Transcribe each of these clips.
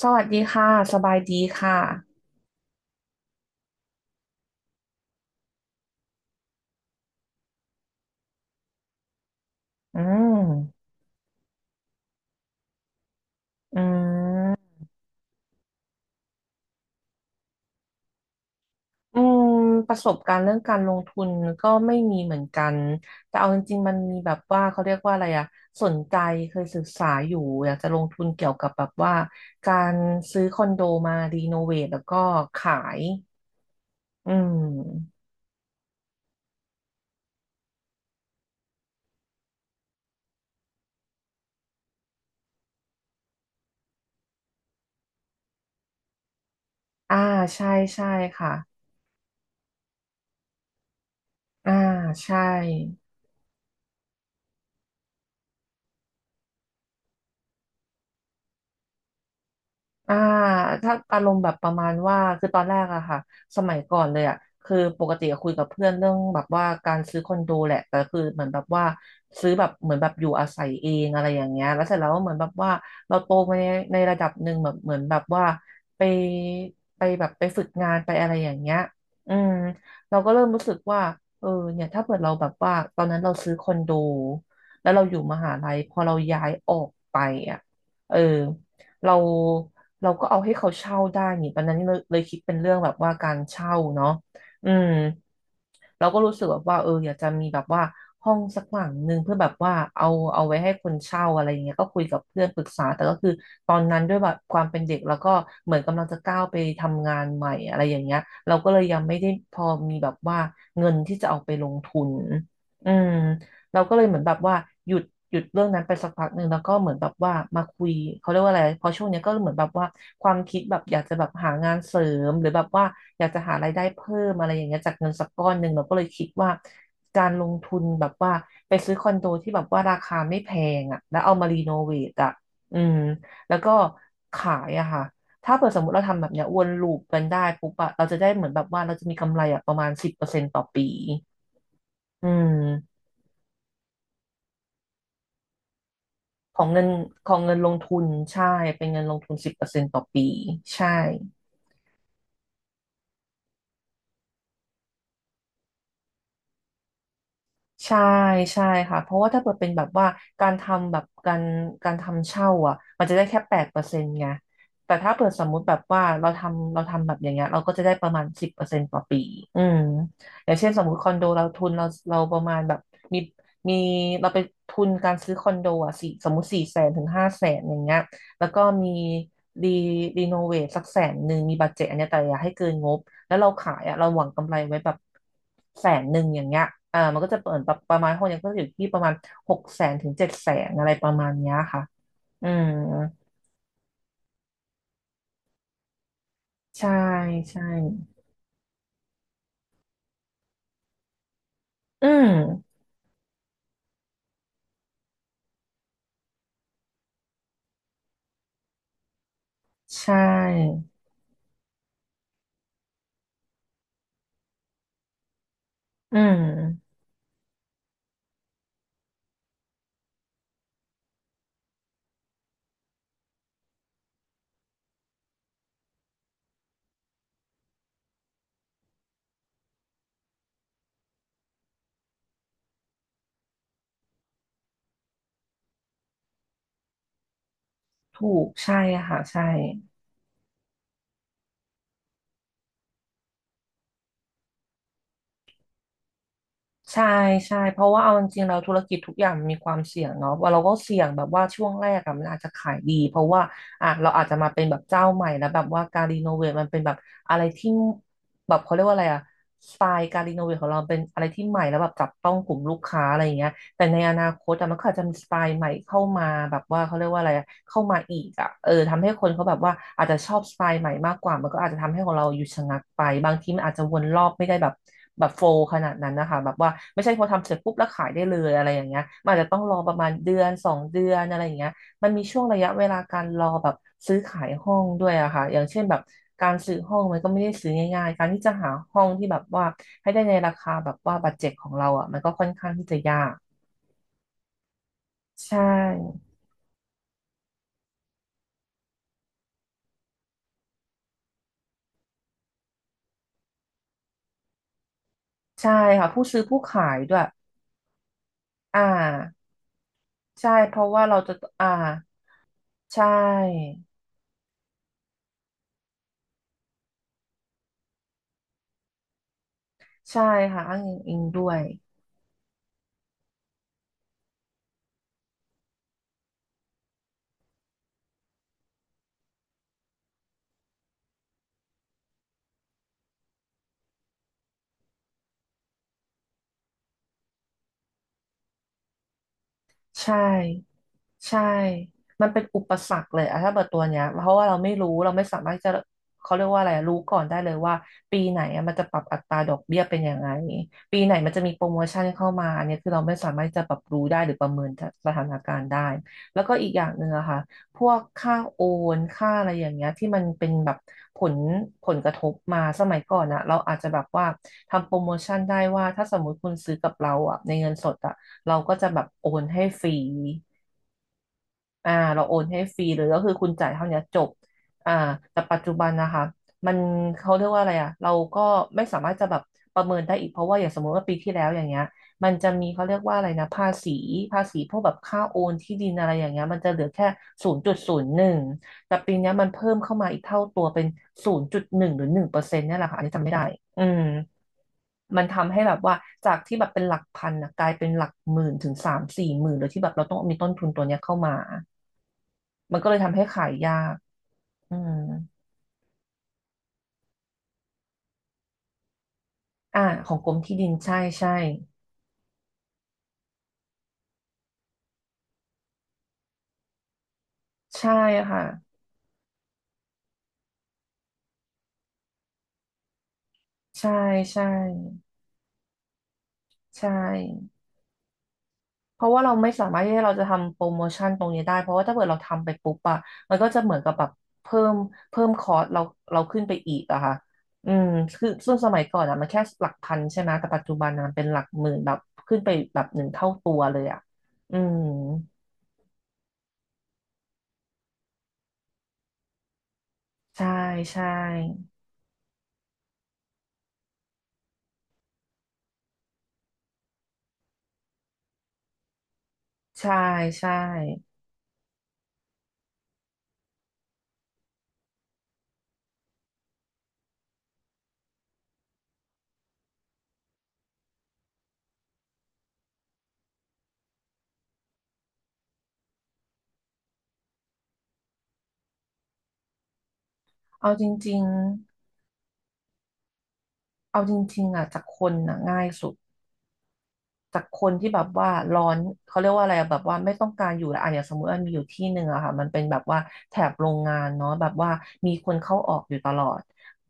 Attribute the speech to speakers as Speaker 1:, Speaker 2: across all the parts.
Speaker 1: สวัสดีค่ะ สบายดีค่ะ อืม อืม อืม ประสบการณ์เรื่องการลงทุนก็ไม่มีเหมือนกัน แต่เอาจริงๆมันมีแบบว่าเขาเรียกว่าอะไรอะสนใจเคยศึกษาอยู่อยากจะลงทุนเกี่ยวกับแบบว่าการซื้อคอนโดมารีโนเวทแล้วก็ขาย อืมอ่าใช่ใช่ค่ะอ่าใช่ อ่าถ้าอารมณ์แบบประมาณว่าคือตอนแรกอะค่ะ สมัยก่อนเลยอะคือปกติอะคุยกับเพื่อนเรื่องแบบว่าการซื้อคอนโดแหละแต่คือเหมือนแบบว่าซื้อแบบเหมือนแบบอยู่อาศัยเองอะไรอย่างเงี้ยแล้วเสร็จแล้วเหมือนแบบว่าเราโตมาในระดับหนึ่งแบบเหมือนแบบว่าไปไปแบบไปฝึกงานไปอะไรอย่างเงี้ยอืมเราก็เริ่มรู้สึกว่าเออเนี่ยถ้าเกิดเราแบบว่าตอนนั้นเราซื้อคอนโดแล้วเราอยู่มหาลัยพอเราย้ายออกไปอะเออเรา เราก็เอาให้เขาเช่าได้นี่ตอนนั้นเลยเลยคิดเป็นเรื่องแบบว่าการเช่าเนาะอืมเราก็รู้สึกแบบว่าเอออยากจะมีแบบว่าห้องสักหลังหนึ่งเพื่อแบบว่าเอาไว้ให้คนเช่าอะไรอย่างเงี้ยก็คุยกับเพื่อนปรึกษาแต่ก็คือตอนนั้นด้วยแบบความเป็นเด็กแล้วก็เหมือนกำลังจะก้าวไปทำงานใหม่อะไรอย่างเงี้ยเราก็เลยยังไม่ได้พอมีแบบว่าเงินที่จะเอาไปลงทุนอืม เราก็เลยเหมือนแบบว่าหยุดหยุดเรื่องนั้นไปสักพักหนึ่งแล้วก็เหมือนแบบว่ามาคุยเขาเรียกว่าอะไรพอช่วงเนี้ยก็เหมือนแบบว่าความคิดแบบอยากจะแบบหางานเสริมหรือแบบว่าอยากจะหารายได้เพิ่มอะไรอย่างเงี้ยจากเงินสักก้อนหนึ่งเราก็เลยคิดว่าการลงทุนแบบว่าไปซื้อคอนโดที่แบบว่าราคาไม่แพงอ่ะแล้วเอามารีโนเวทอ่ะอืมแล้วก็ขายอะค่ะถ้าเปิดสมมติเราทำแบบเนี้ยวนลูปกันได้ปุ๊บอะเราจะได้เหมือนแบบว่าเราจะมีกำไรอะประมาณสิบเปอร์เซ็นต์ต่อปีอืม ของเงินของเงินลงทุนใช่เป็นเงินลงทุนสิบเปอร์เซ็นต์ต่อปีใช่ ใช่ใช่ค่ะเพราะว่าถ้าเกิดเป็นแบบว่าการทำแบบการทำเช่าอ่ะมันจะได้แค่8%ไงแต่ถ้าเปิดสมมุติแบบว่าเราทำแบบอย่างเงี้ยเราก็จะได้ประมาณสิบเปอร์เซ็นต์ต่อปีอืมอย่างเช่นสมมุติคอนโดเราทุนเราประมาณแบบมีมีเราไปทุนการซื้อคอนโดอ่ะสี่สมมุติ400,000 ถึง 500,000อย่างเงี้ยแล้วก็มีรีรีโนเวทสักแสนหนึ่งมีบัดเจ็ตอันเนี้ยแต่อย่าให้เกินงบ แล้วเราขายอ่ะเราหวังกำไรไว้แบบแสนหนึ่งอย่างเงี้ยเออมันก็จะเปิดแบบประมาณห้องเนี้ยก็จะอยู่ที่ประมาณ600,000 ถึง 700,000อะไรประมาณเนี้ยค่ะอืมใช่ใช่ อืมใช่ อืมถูกใช่ค่ะใช่ ใช่ใช่เพราะว่าเอาจริงๆแล้วธุรกิจทุกอย่างมันมีความเสี่ยงเนาะว่าเราก็เสี่ยงแบบว่าช่วงแรกอะมันอาจจะขายดีเพราะว่าอ่ะเราอาจจะมาเป็นแบบเจ้าใหม่แล้วแบบว่าการรีโนเวทมันเป็นแบบอะไรที่แบบเขาเรียกว่าอะไรอะสไตล์การรีโนเวทของเราเป็นอะไรที่ใหม่แล้วแบบจับต้องกลุ่มลูกค้าอะไรอย่างเงี้ย แต่ในอนาคตอะมันก็อาจจะมีสไตล์ใหม่เข้ามาแบบว่าเขาเรียกว่าอะไรอะเข้ามาอีกอะเออทำให้คนเขาแบบว่าอาจจะชอบสไตล์ใหม่มากกว่ามันก็อาจจะทำให้ของเราหยุดชะงักไปบางทีมันอาจจะวนรอบไม่ได้แบบแบบขนาดนั้นนะคะแบบว่าไม่ใช่พอทำเสร็จปุ๊บแล้วขายได้เลยอะไรอย่างเงี้ยมันอาจจะต้องรอประมาณเดือนสองเดือนอะไรอย่างเงี้ยมันมีช่วงระยะเวลาการรอแบบซื้อขายห้องด้วยอะค่ะอย่างเช่นแบบการซื้อห้องมันก็ไม่ได้ซื้อง่ายๆการที่จะหาห้องที่แบบว่าให้ได้ในราคาแบบว่าบัดเจ็ตของเราอะมันก็ค่อนข้างที่จะยาก ใช่ใช่ค่ะผู้ซื้อผู้ขายด้วยอ่าใช่เพราะว่าเราจะอ่าใช่ใช่ค่ะอ้างอิงอิงด้วยใช่ ใช่มันเป็นอุปสรรคเลยอะถ้าเปิดตัวเนี้ยเพราะว่าเราไม่รู้เราไม่สามารถจะเขาเรียกว่าอะไรอะรู้ก่อนได้เลยว่าปีไหนอะมันจะปรับอัตราดอกเบี้ยเป็นยังไงปีไหนมันจะมีโปรโมชั่นเข้ามาอันเนี้ยคือเราไม่สามารถจะปรับรู้ได้หรือประเมินสถานการณ์ได้แล้วก็อีกอย่างหนึ่งอะค่ะพวกค่าโอนค่าอะไรอย่างเงี้ยที่มันเป็นแบบผลผลกระทบมาสมัยก่อนอะเราอาจจะแบบว่าทำโปรโมชั่นได้ว่าถ้าสมมุติคุณซื้อกับเราอะในเงินสดอะเราก็จะแบบโอนให้ฟรี เราโอนให้ฟรีเลยก็คือคุณจ่ายเท่าเนี้ยจบ อ่าแต่ปัจจุบันนะคะมันเขาเรียกว่าอะไรอ่ะเราก็ไม่สามารถจะแบบประเมินได้อีกเพราะว่าอย่างสมมติว่าปีที่แล้วอย่างเงี้ยมันจะมีเขาเรียกว่าอะไรนะภาษีพวกแบบค่าโอนที่ดินอะไรอย่างเงี้ยมันจะเหลือแค่0.01แต่ปีเนี้ยมันเพิ่มเข้ามาอีกเท่าตัวเป็น0.1หรือ1%เนี่ยแหละค่ะอันนี้จำไม่ได้อืมมันทำให้แบบว่าจากที่แบบเป็นหลักพันนะกลายเป็นหลักหมื่นถึงสามสี่หมื่นโดยที่แบบเราต้องมีต้นทุนตัวเนี้ยเข้ามา มันก็เลยทำให้ขายยากอืมอ่าของกรมที่ดินใช่ใช่ใช่ค่ะใช่ใช่ใช่เพราะว่าเราไม่สามารถที่เราจะทำโปรโมชั่นตรงนี้ได้เพราะว่าถ้าเกิดเราทำไปปุ๊บอะมันก็จะเหมือนกับแบบเพิ่มเพิ่มคอร์สเราขึ้นไปอีกอะค่ะอืมคือส่วนสมัยก่อนอะมันแค่หลักพันใช่ไหมแต่ปัจจุบันอะมันเป็นหลักหมื่นแบบขึ้นไปแบบหนึ่งเท่าตัวเลยอะอืมใช่ใช่ใช่ใช่เอาจริงๆ เอาจริงๆอ่ะจากคนน่ะง่ายสุด จากคนที่แบบว่าร้อนเขาเรียกว่าอะไรอะแบบว่าไม่ต้องการอยู่แล้วอะอย่างสมมติว่ามีอยู่ที่หนึ่งอะค่ะมันเป็นแบบว่าแถบโรงงานเนาะแบบว่ามีคนเข้าออกอยู่ตลอด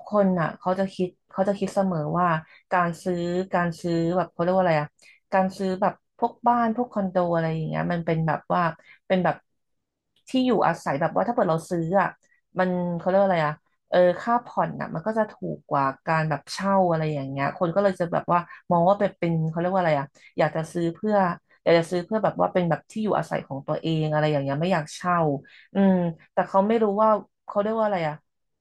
Speaker 1: คนอะเขาจะคิดเสมอว่าการซื้อการซื้อแบบเขาเรียกว่าอะไรอะการซื้อแบบพวกบ้านพวกคอนโดอะไรอย่างเงี้ยมันเป็นแบบว่าเป็นแบบที่อยู่อาศัยแบบว่าถ้าเกิดเราซื้ออะมันเขาเรียกว่าอะไรอะเออค่าผ่อนน่ะมันก็จะถูกกว่าการแบบเช่าอะไรอย่างเงี้ยคนก็เลยจะแบบว่ามองว่าเป็นเขาเรียกว่าอะไรอ่ะ อยากจะซื้อเพื่ออยากจะซื้อเพื่อแบบว่าเป็นแบบที่อยู่อาศัยของตัวเองอะไรอย่างเงี้ยไม่อยากเช่าอืมแต่เขาไม่รู้ว่าเขาเรียกว่าอะไรอะ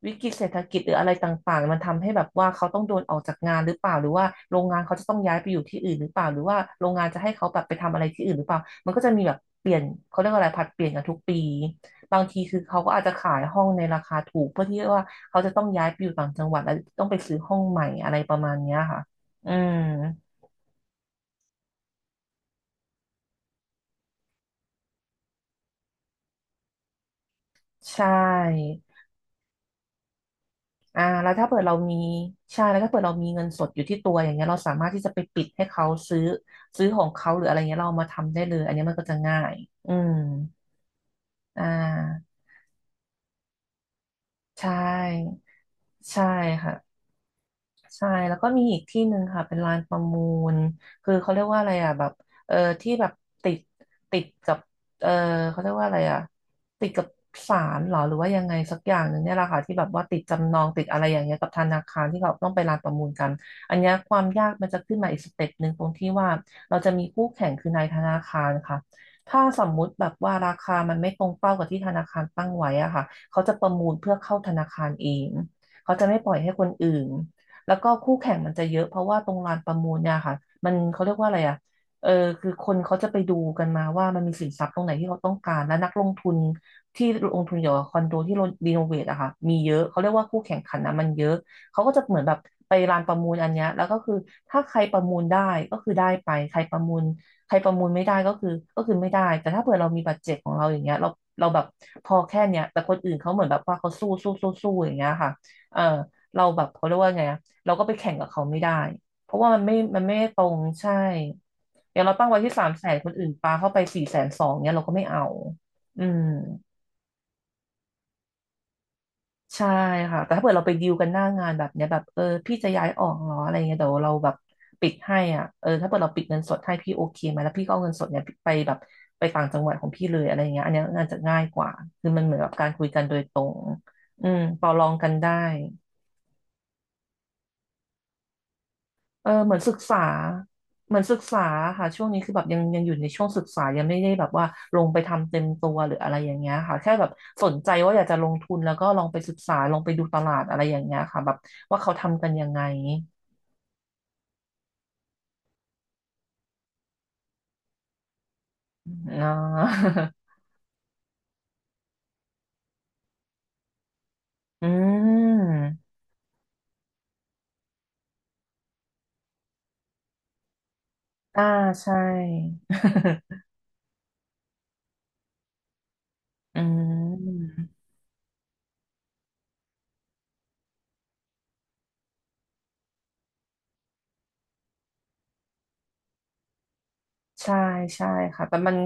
Speaker 1: วิกฤตเศรษฐกิจหรืออะไรต่างๆมันทำให้แบบว่าเขาต้องโดนออกจากงานหรือเปล่าหรือว่าโรงงานเขาจะต้องย้ายไปอยู่ที่อื่นหรือเปล่าหรือว่าโรงงานจะให้เขาแบบไปทำอะไรที่อื่นหรือเปล่ามันก็จะมีแบบเปลี่ยนเขาเรียกว่าอะไรผัดเปลี่ยนกันทุกปีบางทีคือเขาก็อาจจะขายห้องในราคาถูกเพื่อที่ว่าเขาจะต้องย้ายไปอยู่ต่างจังหวัดแล้วต้องไปซื้อห้องใหม่อะไรประมาณเนี้ยค่ะอืมใช่ แล้วถ้าเปิดเรามีใช่แล้วถ้าเปิดเรามีเงินสดอยู่ที่ตัวอย่างเงี้ยเราสามารถที่จะไปปิดให้เขาซื้อของเขาหรืออะไรเงี้ยเราเอามาทำได้เลยอันเนี้ยมันก็จะง่ายอืมอ่าใช่ใช่ค่ะ ใช่แล้วก็มีอีกที่หนึ่งค่ะเป็นลานประมูลคือเขาเรียกว่าอะไรอ่ะแบบเออที่แบบติดติดกับเออเขาเรียกว่าอะไรอ่ะติดกับศาลเหรอหรือว่ายังไงสักอย่างหนึ่งเนี่ยแหละค่ะที่แบบว่าติดจำนองติดอะไรอย่างเงี้ยกับธนาคารที่เขาต้องไปลานประมูลกันอันเนี้ยความยากมันจะขึ้นมาอีกสเต็ปหนึ่งตรงที่ว่าเราจะมีคู่แข่งคือนายธนาคารค่ะถ้าสมมุติแบบว่าราคามันไม่ตรงเป้ากับที่ธนาคารตั้งไว้อะค่ะเขาจะประมูลเพื่อเข้าธนาคารเองเขาจะไม่ปล่อยให้คนอื่น แล้วก็คู่แข่งมันจะเยอะเพราะว่าตรงลานประมูลเนี่ยค่ะมันเขาเรียกว่าอะไรอ่ะเออคือคนเขาจะไปดูกันมาว่ามันมีสินทรัพย์ตรงไหนที่เขาต้องการและนักลงทุนที่ลงทุนเกี่ยวกับคอนโดที่รีโนเวทอะค่ะมีเยอะเขาเรียกว่าคู่แข่งขันนะมันเยอะเขาก็จะเหมือนแบบไปลานประมูลอันเนี้ยแล้วก็คือถ้าใครประมูลได้ก็คือได้ไปใครประมูลใครประมูลไม่ได้ก็คือไม่ได้แต่ถ้าเผื่อเรามีบัตรเจ็ตของเราอย่างเงี้ยเราแบบพอแค่เนี้ยแต่คนอื่นเขาเหมือนแบบว่าเขาสู้สู้สู้สู้อย่างเงี้ยค่ะเออเราแบบเขาเรียกว่าไงอะ เราก็ไปแข่งกับเขาไม่ได้ เพราะว่ามันไม่ตรงใช่ อย่างเราตั้งไว้ที่300,000คนอื่นปาเข้าไป420,000เนี่ยเราก็ไม่เอาอืมใช่ค่ะ แต่ถ้าเกิดเราไปดีลกันหน้างานแบบเนี้ยแบบเออพี่จะย้ายออกเหรออะไรเงี้ยเดี๋ยวเราแบบปิดให้อ่ะเออถ้าเกิดเราปิดเงินสดให้พี่โอเคไหมแล้วพี่ก็เอาเงินสดเนี่ยไปแบบไปต่างจังหวัดของพี่เลยอะไรเงี้ยอันเนี้ยน่านจะง่ายกว่าคือมันเหมือนกับการคุยกันโดยตรงอืมต่อรองกันได้ เออเหมือนศึกษาเหมือนศึกษาค่ะช่วงนี้คือแบบยังอยู่ในช่วงศึกษายังไม่ได้แบบว่าลงไปทำเต็มตัวหรืออะไรอย่างเงี้ยค่ะแค่แบบสนใจว่าอยากจะลงทุนแล้วก็ลองไปศึกษาลองไปดูตลาดอะไรอย่างเงี้ยค่ะแบบว่าเขาทำกันยังไงอ่า อืมอ่าใช่อืมใช่ใช่ค่ะแต่มัน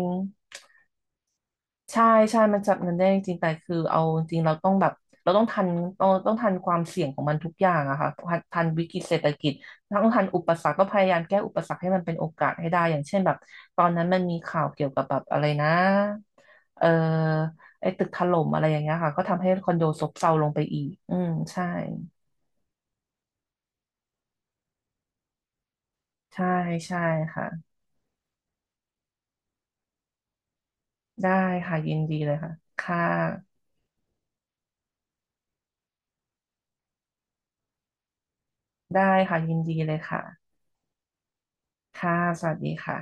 Speaker 1: ใช่ใช่มันจับเงินได้จริงๆแต่คือเอาจริงเราต้องแบบเราต้องทันต้องทันความเสี่ยงของมันทุกอย่างอะค่ะทันวิกฤตเศรษฐกิจต้องทันอุปสรรคก็พยายามแก้อุปสรรคให้มันเป็นโอกาสให้ได้อย่างเช่นแบบตอนนั้นมันมีข่าวเกี่ยวกับแบบอะไรนะเออไอ้ตึกถล่มอะไรอย่างเงี้ยค่ะก็ทำให้คอนโดซบเซาลงไปอีกอืมใช่ใช่ใช่ค่ะได้ค่ะยินดีเลยค่ะค่ะได้ค่ะยินดีเลยค่ะค่ะสวัสดีค่ะ